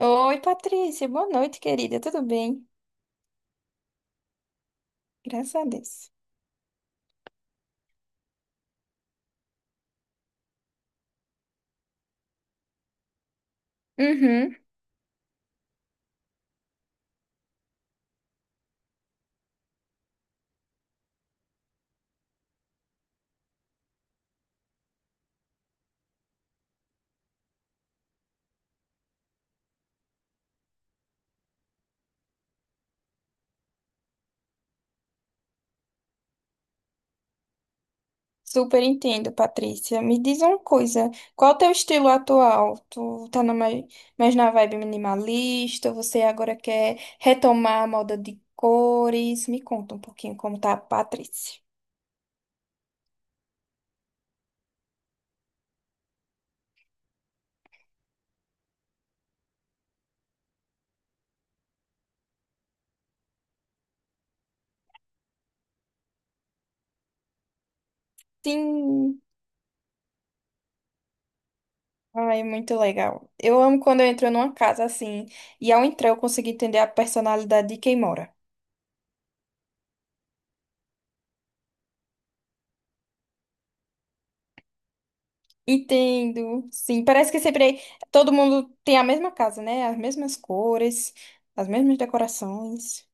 Oi, Patrícia. Boa noite, querida. Tudo bem? Graças a Deus. Uhum. Super entendo, Patrícia. Me diz uma coisa. Qual o teu estilo atual? Mais na vibe minimalista? Você agora quer retomar a moda de cores? Me conta um pouquinho como tá a Patrícia. Sim. Ai, muito legal. Eu amo quando eu entro numa casa assim e ao entrar eu consigo entender a personalidade de quem mora. Entendo, sim. Parece que sempre todo mundo tem a mesma casa, né? As mesmas cores, as mesmas decorações.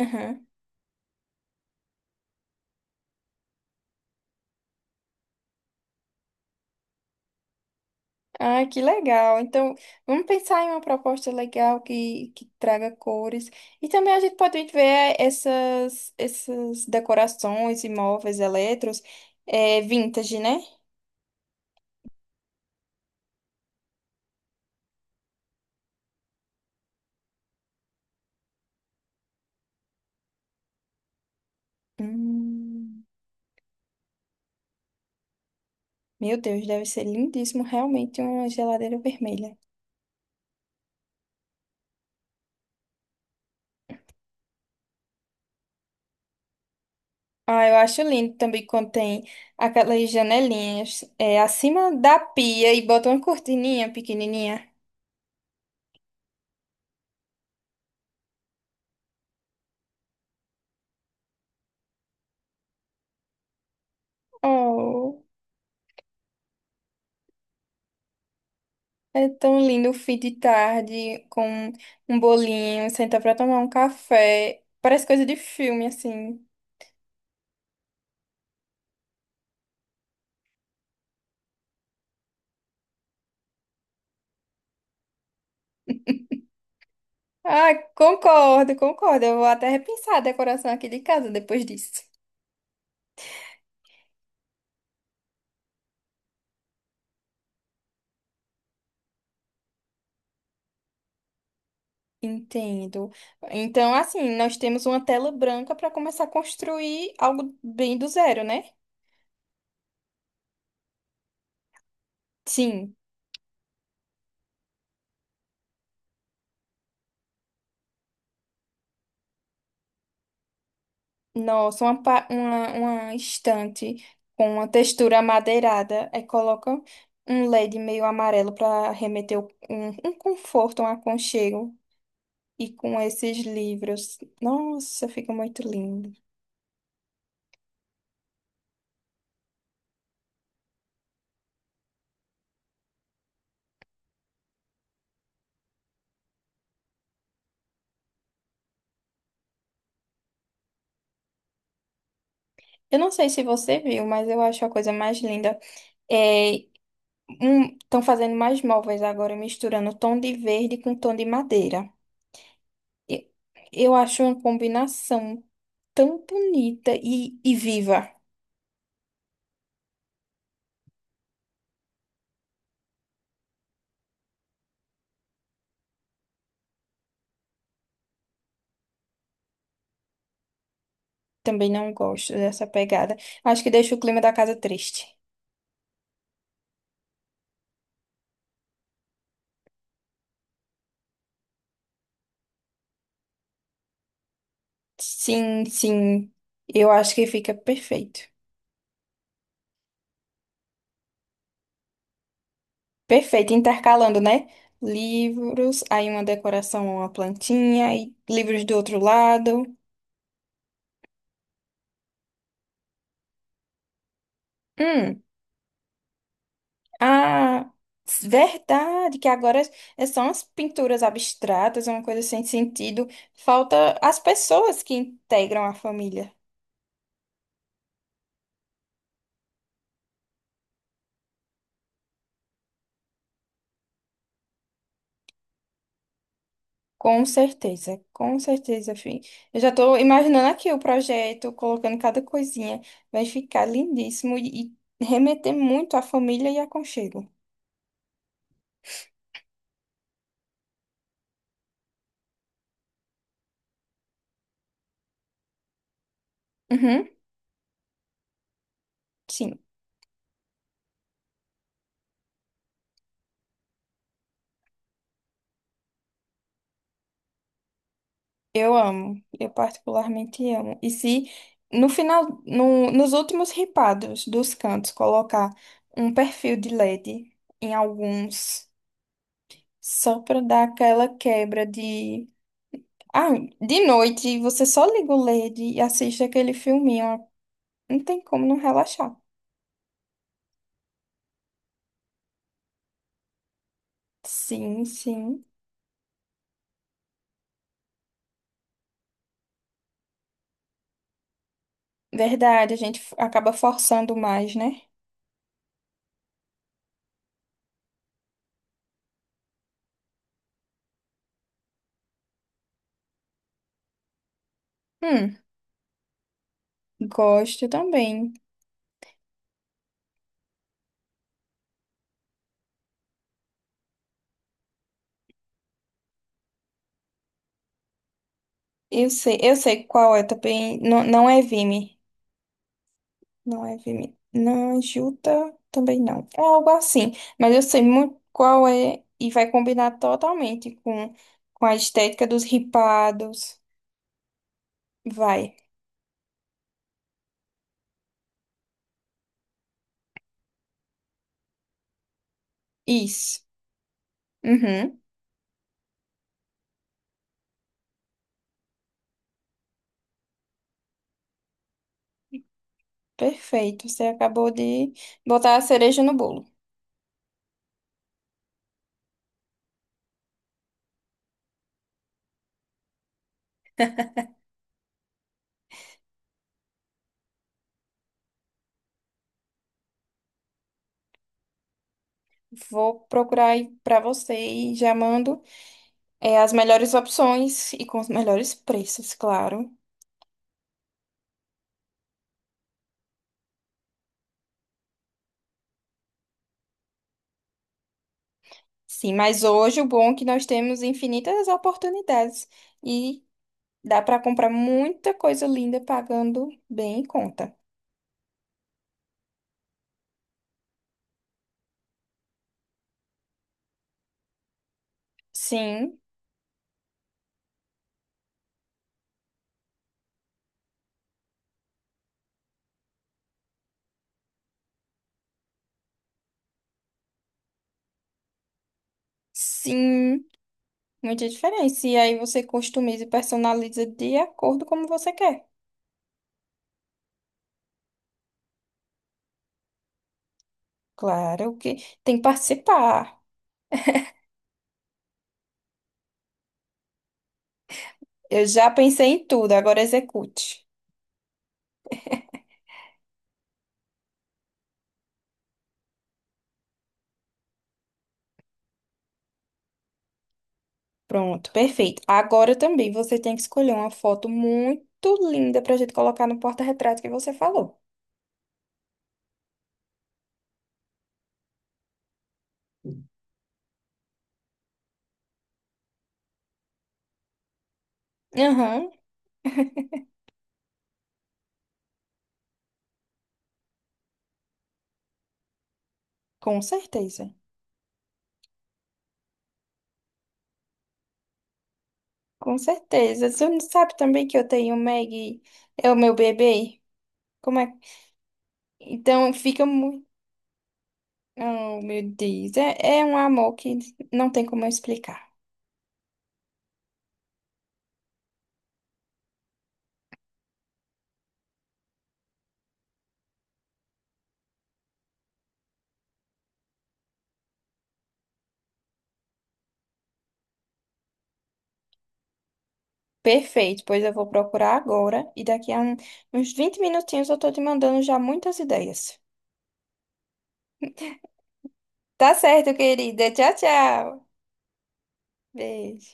Aham. Ah, que legal. Então, vamos pensar em uma proposta legal que traga cores. E também a gente pode ver essas decorações, imóveis, eletros, vintage, né? Hum, meu Deus, deve ser lindíssimo realmente uma geladeira vermelha. Ah, eu acho lindo também quando tem aquelas janelinhas acima da pia e bota uma cortininha pequenininha. Oh, é tão lindo o fim de tarde com um bolinho, sentar pra tomar um café. Parece coisa de filme, assim. Ah, concordo, concordo. Eu vou até repensar a decoração aqui de casa depois disso. Entendo. Então, assim, nós temos uma tela branca para começar a construir algo bem do zero, né? Sim. Nossa, uma estante com uma textura amadeirada. Aí coloca um LED meio amarelo para remeter um conforto, um aconchego. E com esses livros. Nossa, fica muito lindo. Eu não sei se você viu, mas eu acho a coisa mais linda. É, estão fazendo mais móveis agora, misturando tom de verde com tom de madeira. E- Eu acho uma combinação tão bonita e viva. Também não gosto dessa pegada. Acho que deixa o clima da casa triste. Sim, sim. Eu acho que fica perfeito. Perfeito, intercalando, né? Livros, aí uma decoração, uma plantinha, e livros do outro lado. Hum, ah, verdade, que agora são as pinturas abstratas, é uma coisa sem sentido. Falta as pessoas que integram a família. Com certeza, fi. Eu já estou imaginando aqui o projeto, colocando cada coisinha. Vai ficar lindíssimo e remeter muito à família e aconchego. Uhum, sim, eu amo. Eu particularmente amo. E se no final, nos últimos ripados dos cantos, colocar um perfil de LED em alguns, só para dar aquela quebra de. Ah, de noite, você só liga o LED e assiste aquele filminho. Não tem como não relaxar. Sim, sim. Verdade, acaba forçando mais, né? Hum, gosto também. Eu sei qual é também. Não, não é Vime. Não é Vime. Não, é Juta também não. É algo assim. Mas eu sei muito qual é e vai combinar totalmente com a estética dos ripados. Vai. Isso. Uhum. Perfeito. Você acabou de botar a cereja no bolo. Vou procurar aí pra você e já mando as melhores opções e com os melhores preços, claro. Sim, mas hoje o bom é que nós temos infinitas oportunidades e dá pra comprar muita coisa linda pagando bem em conta. Sim, sim, muita diferença. E aí você customiza e personaliza de acordo como você quer. Claro que tem que participar. Eu já pensei em tudo, agora execute. Pronto, perfeito. Agora também você tem que escolher uma foto muito linda pra gente colocar no porta-retrato que você falou. Aham, com certeza. Com certeza. Você não sabe também que eu tenho o Maggie, é o meu bebê? Como é? Então fica muito. Oh, meu Deus. É, é um amor que não tem como eu explicar. Perfeito, pois eu vou procurar agora e uns 20 minutinhos eu tô te mandando já muitas ideias. Tá certo, querida. Tchau, tchau. Beijo.